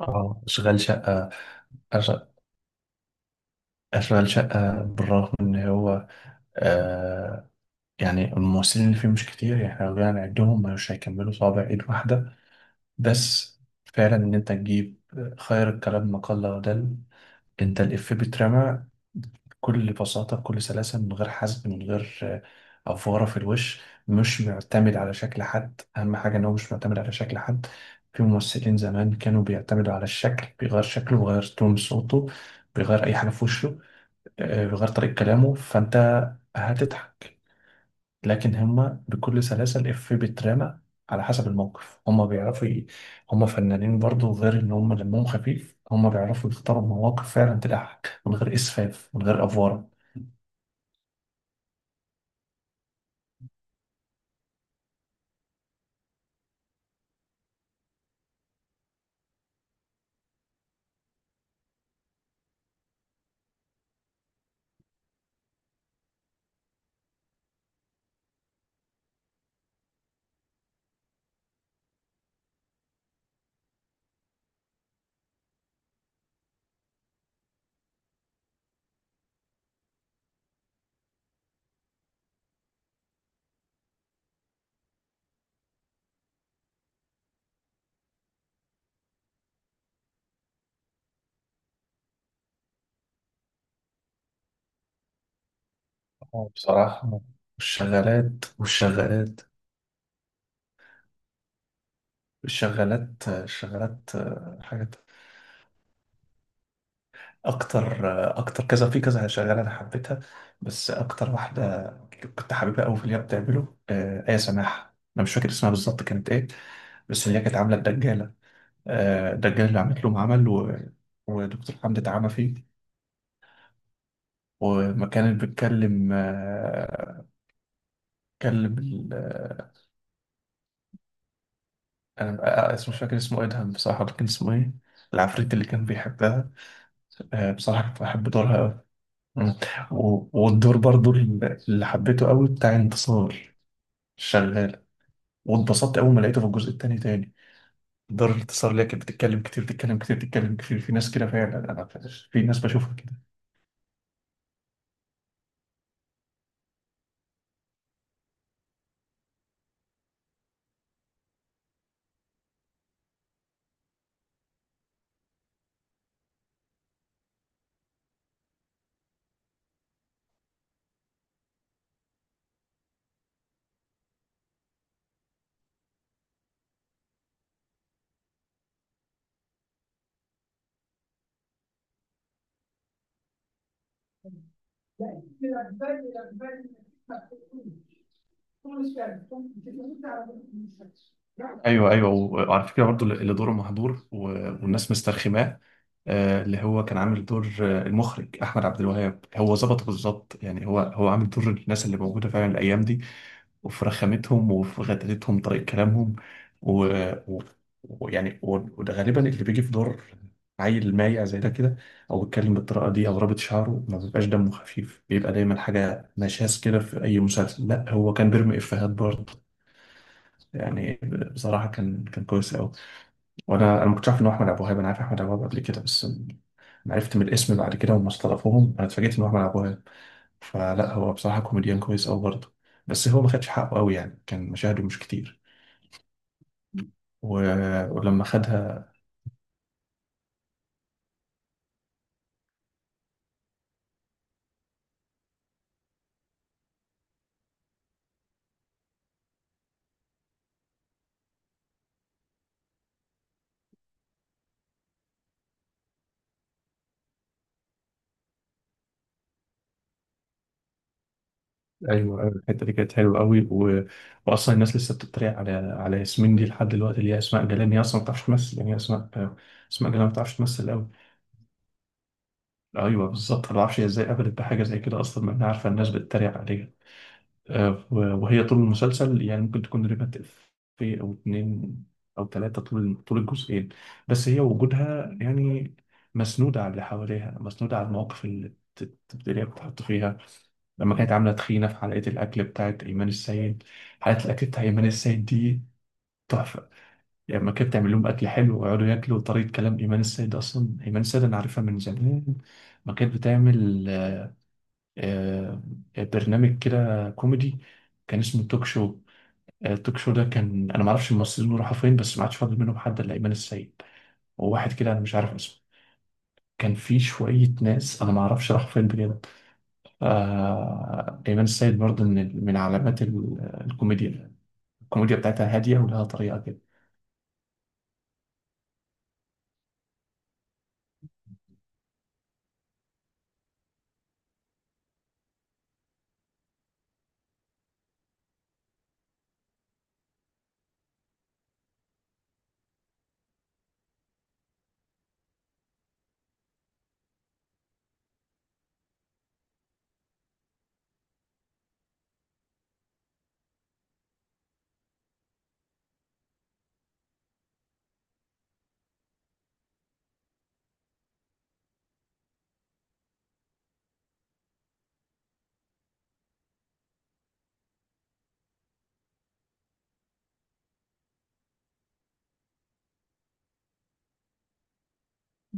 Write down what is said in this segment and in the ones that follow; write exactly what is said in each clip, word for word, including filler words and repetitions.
اه، اشغال شقة. أش- اشغال شقة، بالرغم ان هو آه يعني الممثلين اللي فيه مش كتير، يعني احنا لو جينا نعدهم مش هيكملوا صوابع ايد واحدة. بس فعلا ان انت تجيب آه، خير الكلام ما قل ودل. انت الإفيه بيترمى بكل بساطة، بكل سلاسة، من غير حزق، من غير آه، أفوارة في الوش، مش معتمد على شكل حد. أهم حاجة إن هو مش معتمد على شكل حد. في ممثلين زمان كانوا بيعتمدوا على الشكل، بيغير شكله، بيغير تون صوته، بيغير أي حاجة في وشه، آه، بيغير طريقة كلامه، فأنت هتضحك. لكن هما بكل سلاسة الإفيه بيترمى على حسب الموقف. هما بيعرفوا ي- هما فنانين برضو، غير إن هما دمهم خفيف، هما بيعرفوا يختاروا مواقف فعلا تضحك من غير إسفاف، من غير أفوارة. آه، بصراحة. والشغالات والشغالات الشغالات الشغالات آه، حاجات أكتر آه، أكتر كذا في كذا. شغالة أنا حبيتها، بس أكتر واحدة كنت حاببها أوي في اللي هي بتعمله آه، آية سماحة. أنا مش فاكر اسمها بالظبط كانت إيه، بس اللي هي كانت عاملة الدجالة. آه، الدجالة اللي عملت لهم عمل، و... ودكتور حمدي اتعمى فيه. وما كانت بتكلم، آه، بتكلم ال... آه، أنا آه، اسمه مش فاكر اسمه إدهم. بصراحة كان اسمه إيه؟ العفريت اللي كان بيحبها. آه، بصراحة كنت بحب دورها أوي. مم. و- والدور برضو اللي اللي حبيته أوي بتاع انتصار الشغالة. واتبسطت أول ما لقيته في الجزء التاني تاني. دور الانتصار، اللي هي كانت بتتكلم كتير، بتتكلم كتير، بتتكلم كتير. في ناس كده فعلا. أنا في ناس بشوفها كده. ايوه، ايوه، وعلى فكره برضو اللي دوره مهدور و- والناس مسترخماه، آه، اللي هو كان عامل دور آه، المخرج احمد عبد الوهاب. هو ظبطه بالظبط، يعني هو هو عامل دور الناس اللي موجوده فعلا الايام دي، وفي رخامتهم، وفي غدرتهم، طريقة كلامهم. و... و... ويعني و... وده غالبا اللي بيجي في دور عيل مايع زي ده كده، او بيتكلم بالطريقه دي، او رابط شعره، ما بيبقاش دمه خفيف، بيبقى دايما حاجه نشاز كده في اي مسلسل. لا، هو كان بيرمي افيهات برضه، يعني بصراحه كان كان كويس قوي. وانا انا ما كنتش عارف ان هو احمد ابو وهاب. انا عارف احمد ابو وهاب قبل كده بس. أنا عرفت من الاسم بعد كده، وما استلفوهم انا اتفاجئت ان هو احمد ابو وهاب. فلا، هو بصراحه كوميديان كويس قوي برضه، بس هو ما خدش حقه قوي، يعني كان مشاهده مش كتير. و... ولما خدها. ايوه، أيوة، الحته دي كانت حلوه قوي. و... واصلا الناس لسه بتتريق على على ياسمين دي لحد دلوقتي، اللي هي اسماء جلال. هي اصلا ما بتعرفش تمثل، يعني هي اسماء. اسماء جلال ما بتعرفش تمثل قوي. ايوه، بالظبط. انا ما اعرفش هي ازاي قبلت بحاجه زي كده اصلا، ما انا عارفه الناس بتتريق عليها. آه، و- وهي طول المسلسل يعني ممكن تكون رمت في او اتنين او ثلاثه، طول طول الجزئين. بس هي وجودها يعني مسنوده على اللي حواليها، مسنوده على المواقف اللي بت- بت- اللي هي بتتحط فيها. لما كانت عاملة طحينة في حلقة الأكل بتاعت أيمن السيد. حلقة الأكل بتاع أيمن السيد دي تحفة، يعني لما كانت بتعمل لهم أكل حلو ويقعدوا ياكلوا. وطريقة كلام إيمان السيد، أصلا إيمان السيد أنا عارفها من زمان. ما كانت بتعمل آه، آه، برنامج كده كوميدي كان اسمه توك شو. آه، التوك شو ده كان، أنا ما أعرفش الممثلين راحوا فين، بس ما عادش فاضل منهم حد إلا إيمان السيد، وواحد كده أنا مش عارف اسمه. كان في شوية ناس أنا ما أعرفش راحوا فين بجد. آه، إيمان السيد برضه من من علامات ال- آه، الكوميديا. الكوميديا بتاعتها هادية، ولها طريقة كده.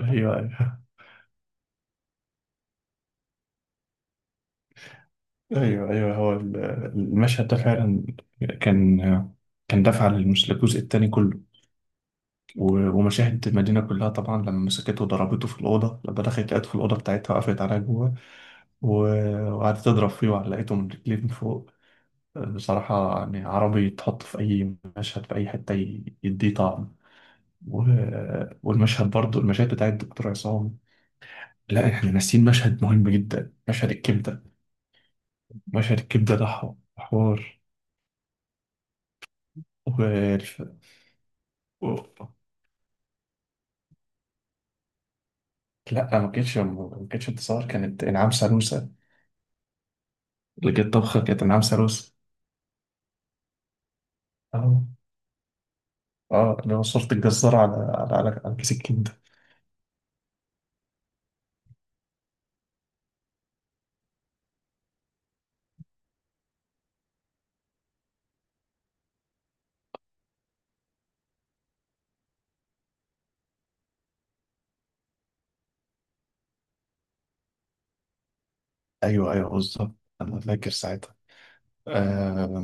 ايوه، ايوه، ايوه، ايوه، هو ال- المشهد ده فعلا كان كان دافع للمس- للجزء التاني كله. و- ومشاهد المدينه كلها طبعا، لما مسكته وضربته في الاوضه، لما دخلت لقيته في الاوضه بتاعتها، وقفت عليها جوه و- وقعدت تضرب فيه، وعلقته من رجليه من فوق. بصراحه يعني عربي يتحط في اي مشهد في اي حته ي- يديه طعم. و- والمشهد برضه، المشاهد بتاعت الدكتور عصام. لا، احنا ناسيين مشهد مهم جدا، مشهد الكبده. مشهد الكبدة ده ح- حوار والف... و... لا، ما كانتش ما كانتش انتصار، كانت إنعام سالوسة. اللي جت طبخة كانت إنعام سالوسة. اه، اه، اللي هو صورة الجزار على على على, على كيس الكبدة. ايوه، ايوه، بالظبط انا فاكر ساعتها. آه...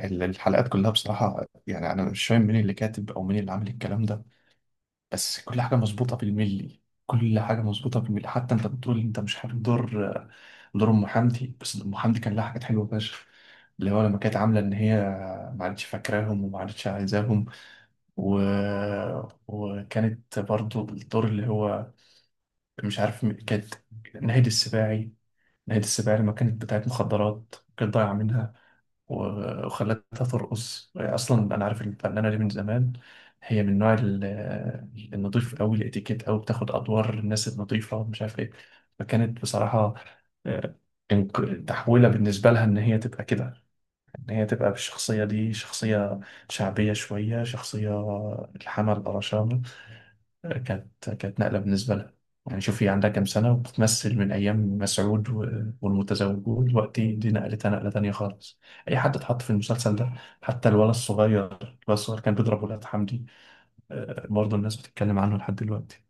الحلقات كلها بصراحة يعني انا مش فاهم مين اللي كاتب او مين اللي عامل الكلام ده، بس كل حاجة مظبوطة بالملي، كل حاجة مظبوطة بالملي. حتى انت بتقول انت مش حابب دور دور ام حمدي، بس ام حمدي كان لها حاجات حلوة فشخ. اللي هو لما كانت عاملة ان هي ما عادتش فاكراهم، وما عادتش عايزاهم. و... وكانت برضو الدور اللي هو مش عارف م- كانت ناهد السباعي. ناهد السباعي لما كانت بتاعت مخدرات، كانت ضايعة منها، و- وخلتها ترقص. اصلا انا عارف الفنانه دي من زمان. هي من نوع ال- النضيف قوي، الاتيكيت قوي، بتاخد ادوار الناس النضيفه ومش عارف ايه. فكانت بصراحه آه، إنق- تحويله بالنسبه لها ان هي تبقى كده، ان هي تبقى بالشخصيه دي، شخصيه شعبيه شويه، شخصيه الحمل القرشام. كانت كانت نقلة بالنسبة لها، يعني شوف هي عندها كام سنة وبتمثل من أيام مسعود و- والمتزوجون، دلوقتي دي نقلتها نقلة تانية خالص. أي حد اتحط في المسلسل ده، حتى الولد الصغير الولد الصغير كان بيضرب ولاد حمدي. آه، برضه الناس بتتكلم عنه لحد دلوقتي.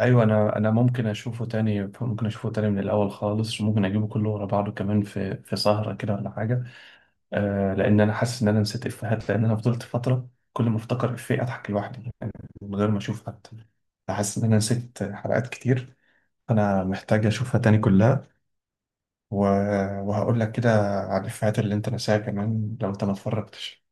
أيوة، أنا أنا ممكن أشوفه تاني. ممكن أشوفه تاني من الأول خالص، ممكن أجيبه كله ورا بعضه كمان في في سهرة كده ولا حاجة. آه، لان انا حاسس ان انا نسيت افيهات، لان انا فضلت فتره كل ما افتكر افيه اضحك لوحدي، يعني من غير ما اشوف حد. حاسس ان انا نسيت حلقات كتير. انا محتاج اشوفها تاني كلها. و... وهقول لك كده على الافيهات اللي انت نساها كمان، لو انت ما اتفرجتش.